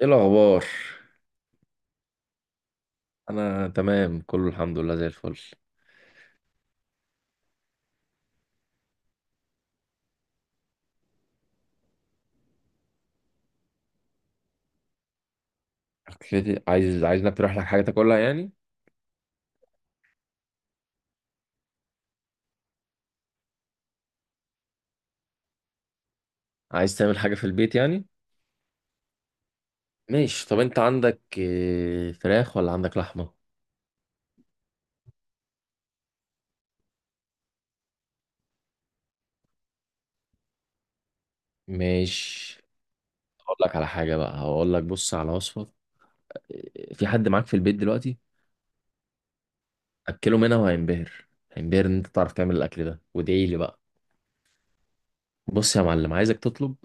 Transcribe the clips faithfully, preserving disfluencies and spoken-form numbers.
ايه الاخبار؟ انا تمام، كله الحمد لله زي الفل. اكلتي؟ عايز عايز انك تروح لك حاجه تاكلها يعني. عايز تعمل حاجه في البيت يعني. ماشي. طب انت عندك آه، فراخ ولا عندك لحمه؟ ماشي، هقول لك على حاجه بقى، هقول لك، بص على وصفه. آه، في حد معاك في البيت دلوقتي؟ اكله منها وهينبهر، هينبهر ان انت تعرف تعمل الاكل ده، وادعي لي بقى. بص يا معلم، عايزك تطلب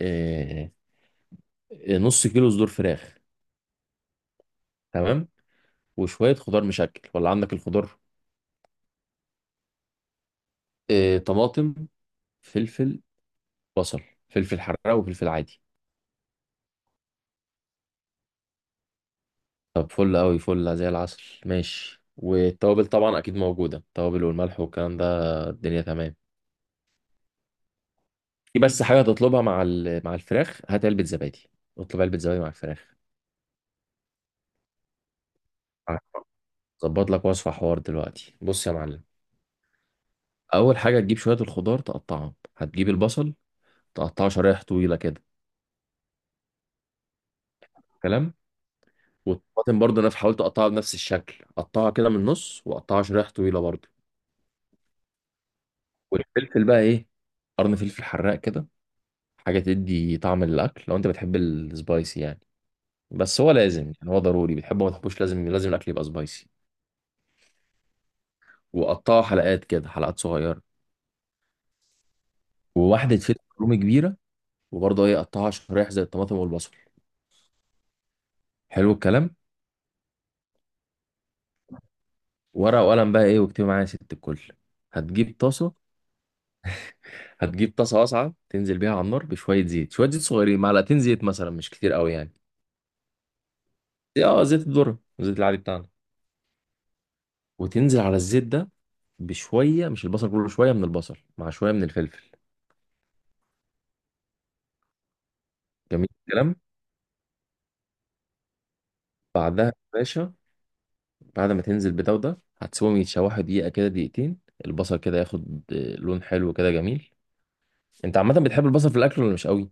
آه، آه، نص كيلو صدور فراخ، تمام، وشويه خضار مشكل، ولا عندك الخضار؟ آه، طماطم، فلفل، بصل، فلفل حراق وفلفل عادي. طب فل قوي، فل زي العسل، ماشي. والتوابل طبعا اكيد موجوده، التوابل والملح والكلام ده، الدنيا تمام. في بس حاجه هتطلبها مع ال- مع الفراخ، هات علبه زبادي، اطلب علبه زبادي مع الفراخ. ظبط لك وصفه حوار دلوقتي، بص يا معلم. اول حاجه تجيب شويه الخضار تقطعهم، هتجيب البصل تقطعه شرايح طويله كده، كلام. والطماطم برضه انا حاولت اقطعها بنفس الشكل، قطعها كده من النص وقطعها شرايح طويله برضه. والفلفل بقى ايه، قرن فلفل حراق كده، حاجة تدي طعم للأكل لو أنت بتحب السبايسي يعني. بس هو لازم يعني، هو ضروري، بتحبه ما تحبوش، لازم لازم الأكل يبقى سبايسي. وقطعها حلقات كده، حلقات صغيرة. وواحدة فلفل رومي كبيرة، وبرضه إيه، قطعها شرايح زي الطماطم والبصل. حلو الكلام. ورقة وقلم بقى إيه، واكتبي معايا يا ست الكل. هتجيب طاسة، هتجيب طاسة واسعة تنزل بيها على النار بشوية زيت، شوية زيت صغيرين، معلقتين زيت مثلا، مش كتير قوي يعني. اه، زيت الذرة، الزيت العادي بتاعنا. وتنزل على الزيت ده بشوية، مش البصل كله، شوية من البصل مع شوية من الفلفل. جميل الكلام. بعدها يا باشا، بعد ما تنزل بده وده هتسيبهم يتشوحوا دقيقة كده، دقيقتين، البصل كده ياخد آه، لون حلو كده جميل. انت عامة بتحب البصل في الأكل ولا مش قوي؟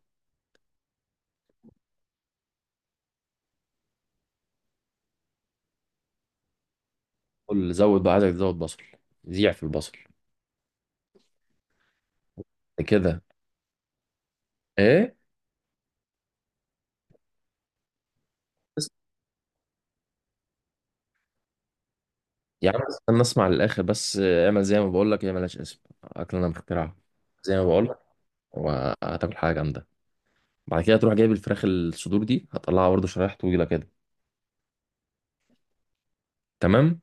قول، زود بقى، عايزك تزود بصل، زيع في البصل، كده. ايه؟ بس- يا عم استنى اسمع للآخر بس، آه، اعمل زي ما بقول لك، هي ملهاش اسم، أكلنا مخترعة. زي ما بقول لك، وهتاكل حاجة جامدة. بعد كده تروح جايب الفراخ، الصدور دي هتطلعها برضه شرايح طويلة كده، تمام؟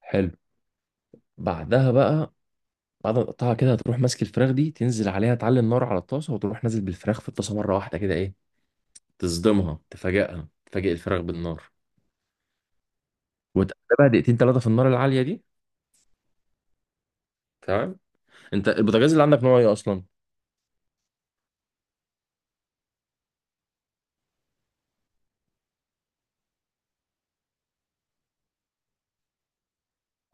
حلو. بعدها بقى، بعد ما تقطعها كده، هتروح ماسك الفراخ دي، تنزل عليها، تعلي النار على الطاسه، وتروح نازل بالفراخ في الطاسه مره واحده كده، ايه، تصدمها، تفاجئها، تفاجئ الفراخ بالنار. وتقلبها دقيقتين ثلاثه في النار العاليه دي، تمام. انت البوتاجاز اللي عندك نوع ايه اصلا؟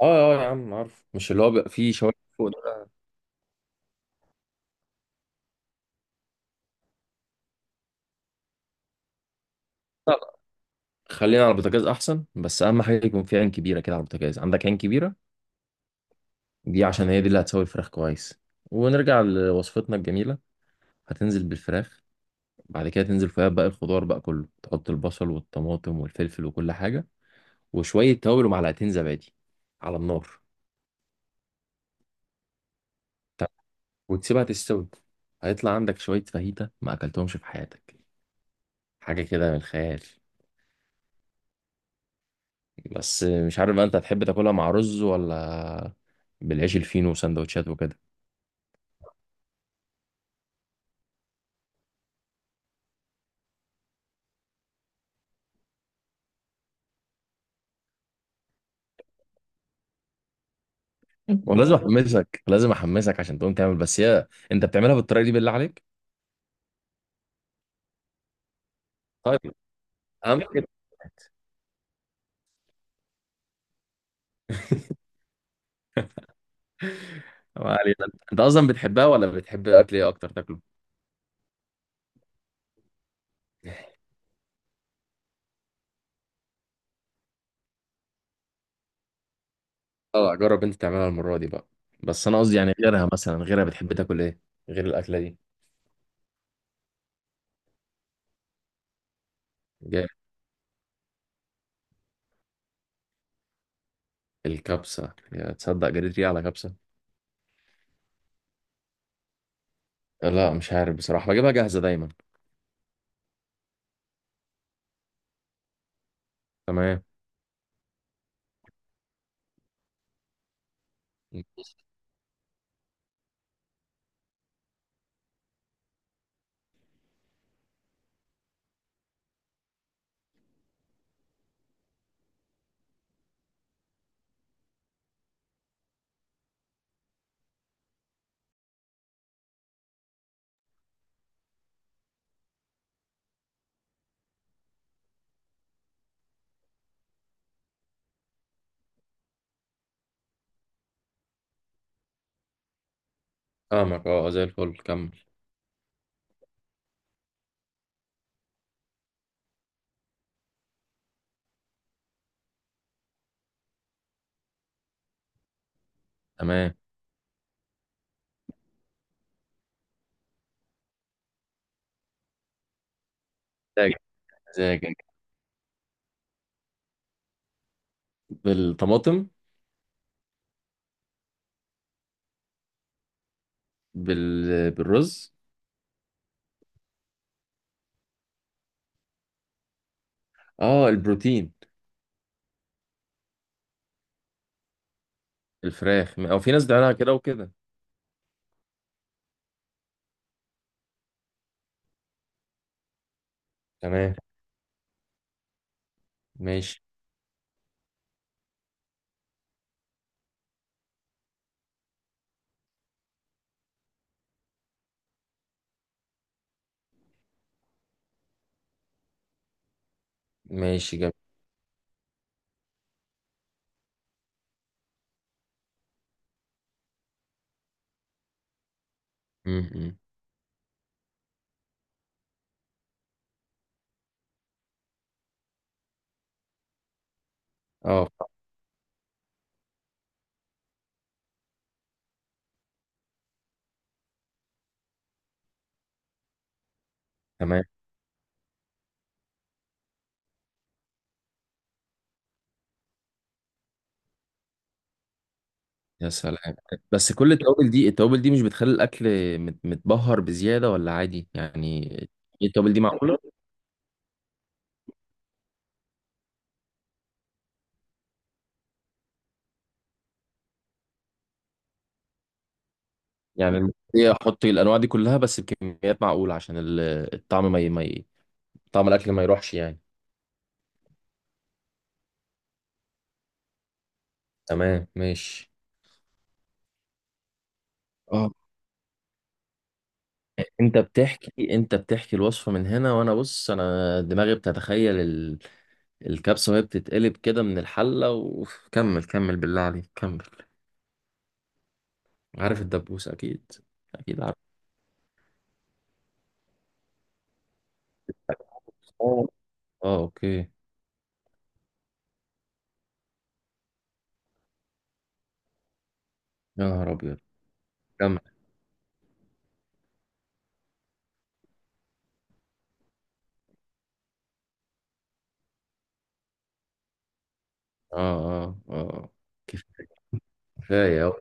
اه. اه يا عم عارف، مش اللي هو بيبقى فيه شوايه فوق ده. لا، لا، خلينا على البوتاجاز احسن، بس اهم حاجه يكون في عين كبيره كده على البوتاجاز، عندك عين كبيره؟ دي عشان هي دي اللي هتسوي الفراخ كويس. ونرجع لوصفتنا الجميله. هتنزل بالفراخ، بعد كده تنزل فيها باقي الخضار بقى كله، تحط البصل والطماطم والفلفل وكل حاجة، وشوية توابل ومعلقتين زبادي على النار. طب. وتسيبها تستوي، هيطلع عندك شوية فاهيتا ما أكلتهمش في حياتك، حاجة كده من الخيال. بس مش عارف بقى أنت هتحب تاكلها مع رز ولا بالعيش الفينو وسندوتشات وكده. ولازم أحمسك، لازم أحمسك عشان تقوم تعمل. بس هي أنت بتعملها بالطريقة دي بالله عليك؟ طيب، أهم كده، ما علينا. أنت أصلا بتحبها ولا بتحب أكل إيه أكتر تاكله؟ اه، جرب انت تعملها المرة دي بقى. بس انا قصدي يعني، غيرها مثلا، غيرها بتحب تاكل ايه، غير الاكلة دي؟ جاي، الكبسة، يا تصدق جريت ريقي على كبسة. لا، مش عارف بصراحة، بجيبها جاهزة دايما. تمام، فاهمك، اه زي الفل، كمل. تمام. مزاجك، مزاجك. بالطماطم. بال... بالرز. اه، البروتين. الفراخ، او في ناس بتعملها كده وكده. تمام، ماشي. ماشي، جميل. م- م. اه، تمام. يا سلام، بس كل التوابل دي التوابل دي مش بتخلي الاكل مت- متبهر بزياده، ولا عادي يعني؟ إيه التوابل دي، معقوله؟ يعني هي احط الانواع دي كلها، بس بكميات معقوله، عشان ال- الطعم ما ي... ما ي... طعم الاكل ما يروحش يعني. تمام، ماشي. اه، انت بتحكي انت بتحكي الوصفه من هنا، وانا بص، انا دماغي بتتخيل ال... الكبسه وهي بتتقلب كده من الحله، وكمل. كمل بالله عليك، كمل. عارف الدبوس، اكيد. اكيد عارف. اه، آه، اوكي. يا نهار أبيض. كمل. آه، آه، آه. كف- كفاية أوي،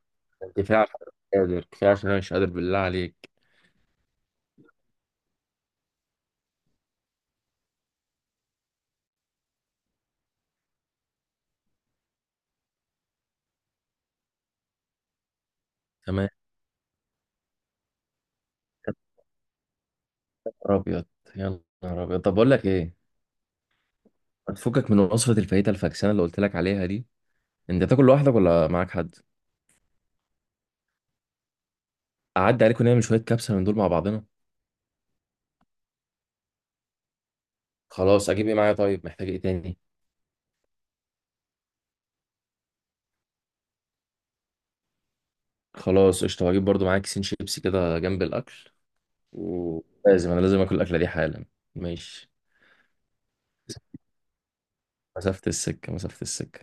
كفاية عشان أنا مش قادر كفاية عشان أنا مش قادر بالله عليك. تمام. يا نهار أبيض، يا نهار أبيض. طب بقول لك إيه، ما تفكك من وصفة الفاهيتا الفاكسانة اللي قلت لك عليها دي. أنت بتاكل لوحدك ولا معاك حد؟ أعدي عليك ونعمل شوية كبسة من دول مع بعضنا. خلاص، أجيب إيه معايا؟ طيب محتاج إيه تاني؟ خلاص، قشطة، وأجيب برضو معايا كيسين شيبسي كده جنب الأكل. ولازم أنا لازم آكل الأكلة دي حالا. ماشي. مسافة السكة، مسافة السكة.